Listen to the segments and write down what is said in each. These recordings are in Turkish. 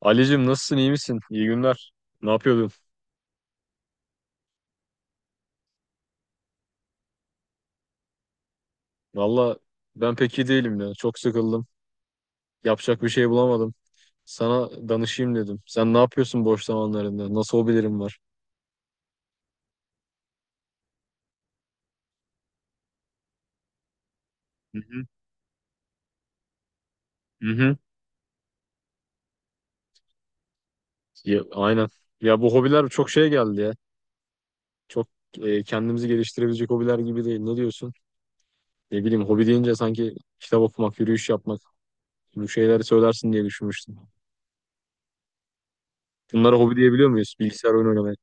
Ali'cim nasılsın iyi misin? İyi günler. Ne yapıyordun? Valla ben pek iyi değilim ya. Çok sıkıldım. Yapacak bir şey bulamadım. Sana danışayım dedim. Sen ne yapıyorsun boş zamanlarında? Nasıl hobilerin var? Hı hı. Hı hı. Ya, aynen. Ya bu hobiler çok şey geldi ya. Çok kendimizi geliştirebilecek hobiler gibi değil. Ne diyorsun? Ne bileyim hobi deyince sanki kitap okumak, yürüyüş yapmak bu şeyleri söylersin diye düşünmüştüm. Bunlara hobi diyebiliyor muyuz? Bilgisayar oyunu oynamak.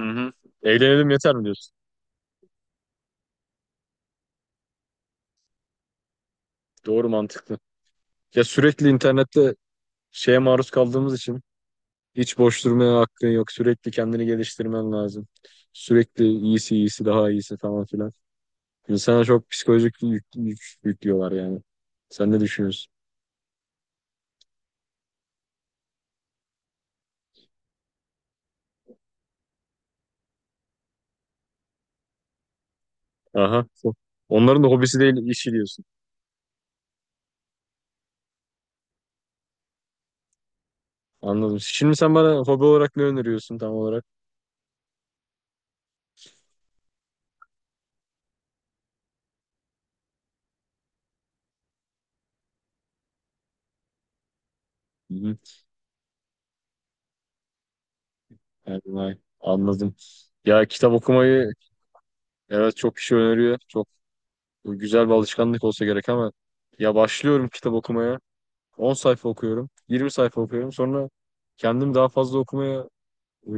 Hı hı. Eğlenelim yeter mi diyorsun? Doğru mantıklı. Ya sürekli internette şeye maruz kaldığımız için hiç boş durmaya hakkın yok. Sürekli kendini geliştirmen lazım. Sürekli iyisi iyisi daha iyisi falan filan. İnsana çok psikolojik yüklüyorlar yani. Sen ne düşünüyorsun? Aha. Onların da hobisi değil işi diyorsun. Anladım. Şimdi sen bana hobi olarak ne öneriyorsun tam olarak? Hı hı. Yani vay, anladım. Ya kitap okumayı evet çok kişi öneriyor. Çok güzel bir alışkanlık olsa gerek ama ya başlıyorum kitap okumaya. 10 sayfa okuyorum, 20 sayfa okuyorum. Sonra kendimi daha fazla okumaya e,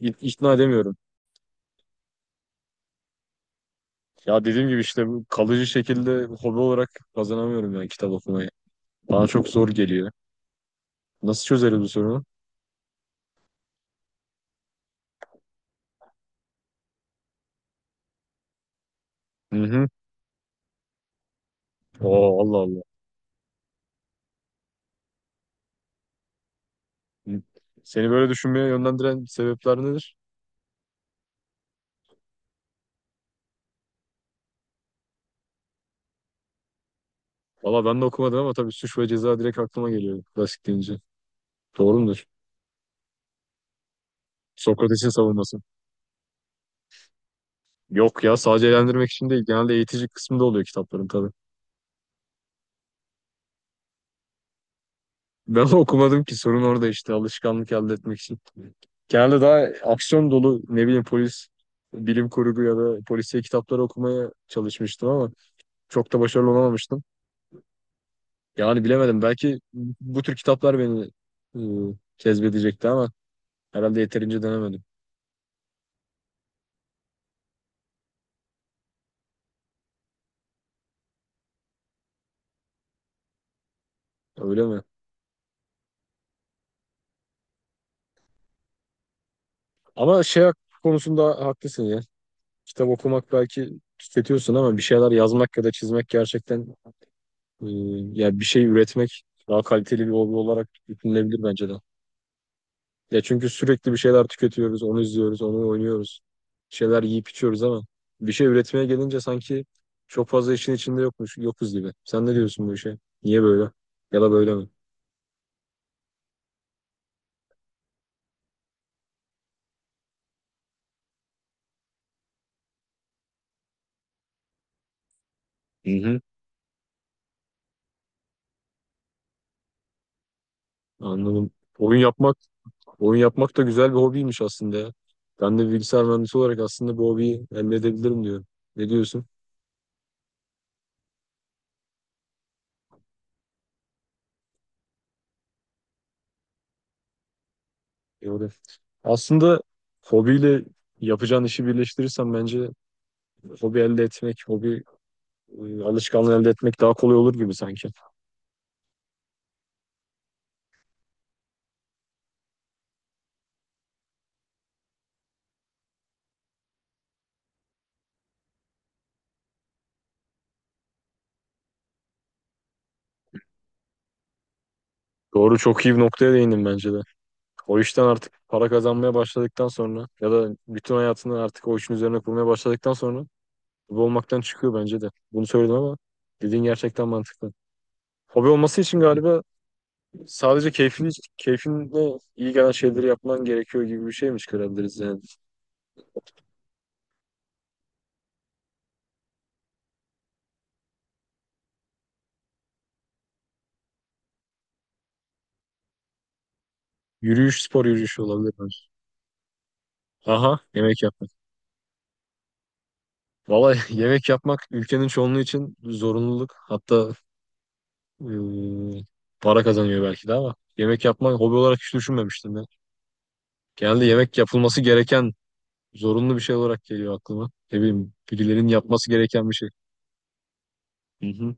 ikna edemiyorum. Ya dediğim gibi işte bu kalıcı şekilde hobi olarak kazanamıyorum yani kitap okumayı. Bana çok zor geliyor. Nasıl çözeriz bu sorunu? Hı hı. Oo, Allah Allah. Hı. Seni böyle düşünmeye yönlendiren sebepler nedir? Valla ben de okumadım ama tabii suç ve ceza direkt aklıma geliyor klasik deyince. Doğru mudur? Sokrates'in savunması. Yok ya sadece eğlendirmek için değil. Genelde eğitici kısmında oluyor kitapların tabii. Ben okumadım ki sorun orada işte alışkanlık elde etmek için. Genelde daha aksiyon dolu ne bileyim polis, bilim kurgu ya da polisiye kitapları okumaya çalışmıştım ama çok da başarılı olamamıştım. Yani bilemedim belki bu tür kitaplar beni e, cezbedecekti ama herhalde yeterince denemedim. Öyle mi? Ama konusunda haklısın ya. Kitap okumak belki tüketiyorsun ama bir şeyler yazmak ya da çizmek gerçekten e, ya bir şey üretmek daha kaliteli bir hobi olarak düşünülebilir bence de. Ya çünkü sürekli bir şeyler tüketiyoruz, onu izliyoruz, onu oynuyoruz. Bir şeyler yiyip içiyoruz ama bir şey üretmeye gelince sanki çok fazla işin içinde yokmuş, yokuz gibi. Sen ne diyorsun bu işe? Niye böyle? Ya da böyle mi? Hı hı. Anladım. Oyun yapmak, oyun yapmak da güzel bir hobiymiş aslında ya. Ben de bilgisayar mühendisi olarak aslında bu hobiyi elde edebilirim diyorum. Ne diyorsun? Doğru. Aslında hobiyle yapacağın işi birleştirirsen bence hobi elde etmek, hobi alışkanlığı elde etmek daha kolay olur gibi sanki. Doğru çok iyi bir noktaya değindim bence de. O işten artık para kazanmaya başladıktan sonra ya da bütün hayatını artık o işin üzerine kurmaya başladıktan sonra hobi olmaktan çıkıyor bence de. Bunu söyledim ama dediğin gerçekten mantıklı. Hobi olması için galiba sadece keyfini keyfinle iyi gelen şeyleri yapman gerekiyor gibi bir şeymiş görebiliriz yani. Yürüyüş, spor yürüyüşü olabilir bence. Aha, yemek yapmak. Vallahi yemek yapmak ülkenin çoğunluğu için zorunluluk. Hatta eee, para kazanıyor belki de ama yemek yapmak hobi olarak hiç düşünmemiştim ben. Genelde yemek yapılması gereken zorunlu bir şey olarak geliyor aklıma. Ne bileyim, birilerinin yapması gereken bir şey. Hı hı.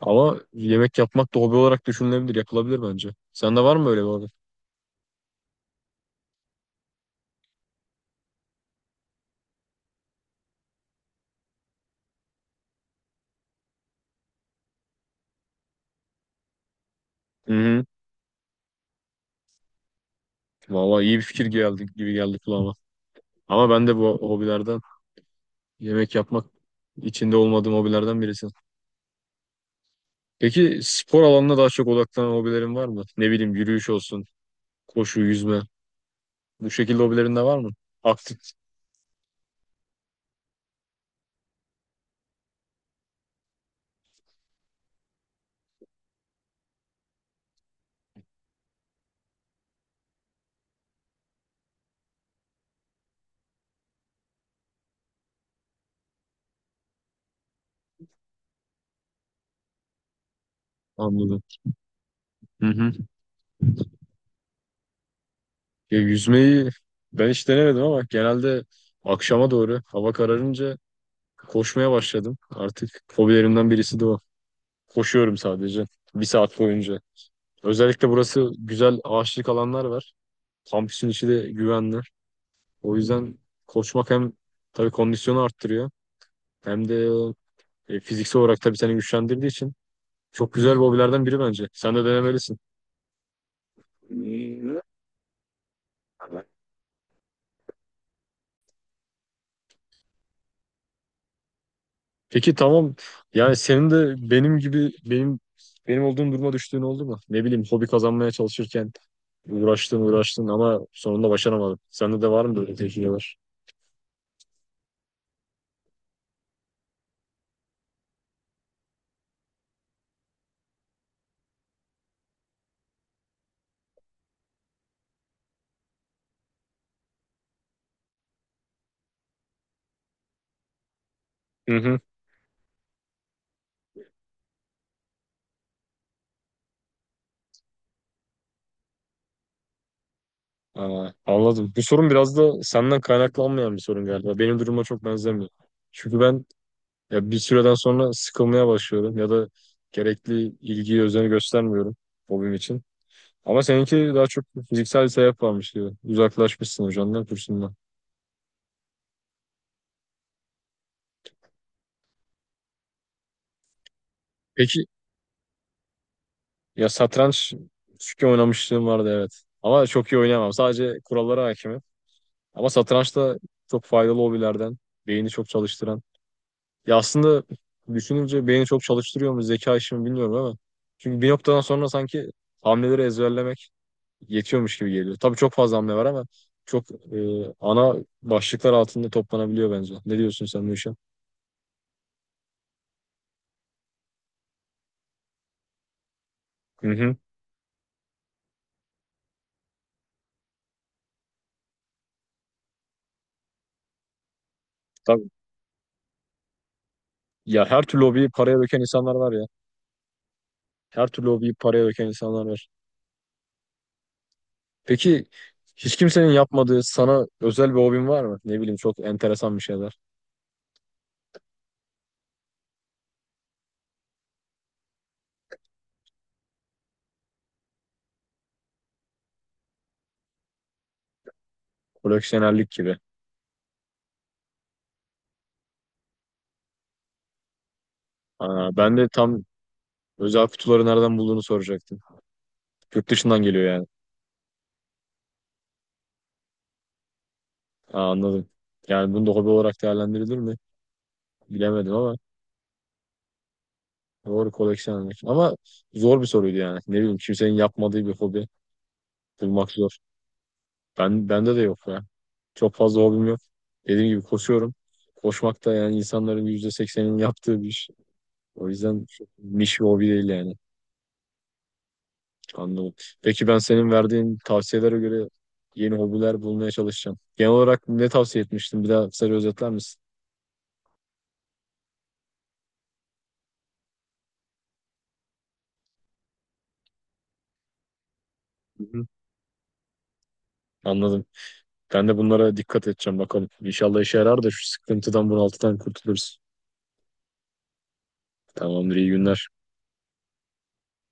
Ama yemek yapmak da hobi olarak düşünülebilir, yapılabilir bence. Sende var mı öyle bir hobi? Hı hı. Vallahi iyi bir fikir geldi gibi geldi kulağıma. Ama ben de bu hobilerden. Yemek yapmak içinde olmadığım hobilerden birisi. Peki spor alanına daha çok odaklanan hobilerin var mı? Ne bileyim yürüyüş olsun, koşu, yüzme. Bu şekilde hobilerin de var mı? Aktif. Anladım. Hı hı. Ya yüzmeyi ben hiç denemedim ama genelde akşama doğru hava kararınca koşmaya başladım. Artık hobilerimden birisi de o. Koşuyorum sadece bir saat boyunca. Özellikle burası güzel ağaçlık alanlar var. Kampüsün içi de güvenli. O yüzden koşmak hem tabii kondisyonu arttırıyor. Hem de fiziksel olarak tabii seni güçlendirdiği için çok güzel bir hobilerden biri bence. Sen de denemelisin. Peki tamam. Yani senin de benim gibi benim olduğum duruma düştüğün oldu mu? Ne bileyim hobi kazanmaya çalışırken uğraştın uğraştın ama sonunda başaramadın. Sende de var mı böyle tecrübeler? Hı hı. Aa, anladım. Bu sorun biraz da senden kaynaklanmayan bir sorun galiba. Benim duruma çok benzemiyor. Çünkü ben ya bir süreden sonra sıkılmaya başlıyorum ya da gerekli ilgiyi, özeni göstermiyorum hobim için. Ama seninki daha çok fiziksel bir sebep varmış gibi. Uzaklaşmışsın hocandan, kursundan. Peki ya satranç küçükken oynamışlığım vardı evet. Ama çok iyi oynayamam. Sadece kurallara hakimim. Ama satranç da çok faydalı hobilerden. Beyni çok çalıştıran. Ya aslında düşününce beyni çok çalıştırıyor mu zeka işimi bilmiyorum ama. Çünkü bir noktadan sonra sanki hamleleri ezberlemek yetiyormuş gibi geliyor. Tabii çok fazla hamle var ama çok ana başlıklar altında toplanabiliyor bence. Ne diyorsun sen bu işe? Hı hı. Tabii. Ya her türlü hobiyi paraya döken insanlar var ya. Her türlü hobiyi paraya döken insanlar var. Peki hiç kimsenin yapmadığı sana özel bir hobin var mı? Ne bileyim çok enteresan bir şeyler. Koleksiyonerlik gibi. Aa, ben de tam özel kutuları nereden bulduğunu soracaktım. Yurt dışından geliyor yani. Aa, anladım. Yani bunu da hobi olarak değerlendirilir mi? Bilemedim ama doğru koleksiyonlar. Ama zor bir soruydu yani. Ne bileyim kimsenin yapmadığı bir hobi bulmak zor. Bende de yok ya. Çok fazla hobim yok. Dediğim gibi koşuyorum. Koşmak da yani insanların %80'inin yaptığı bir iş. O yüzden çok niş bir hobi değil yani. Anladım. Peki ben senin verdiğin tavsiyelere göre yeni hobiler bulmaya çalışacağım. Genel olarak ne tavsiye etmiştin? Bir daha kısaca özetler misin? Hı hı. Anladım. Ben de bunlara dikkat edeceğim bakalım. İnşallah işe yarar da şu sıkıntıdan bunaltıdan kurtuluruz. Tamamdır, iyi günler.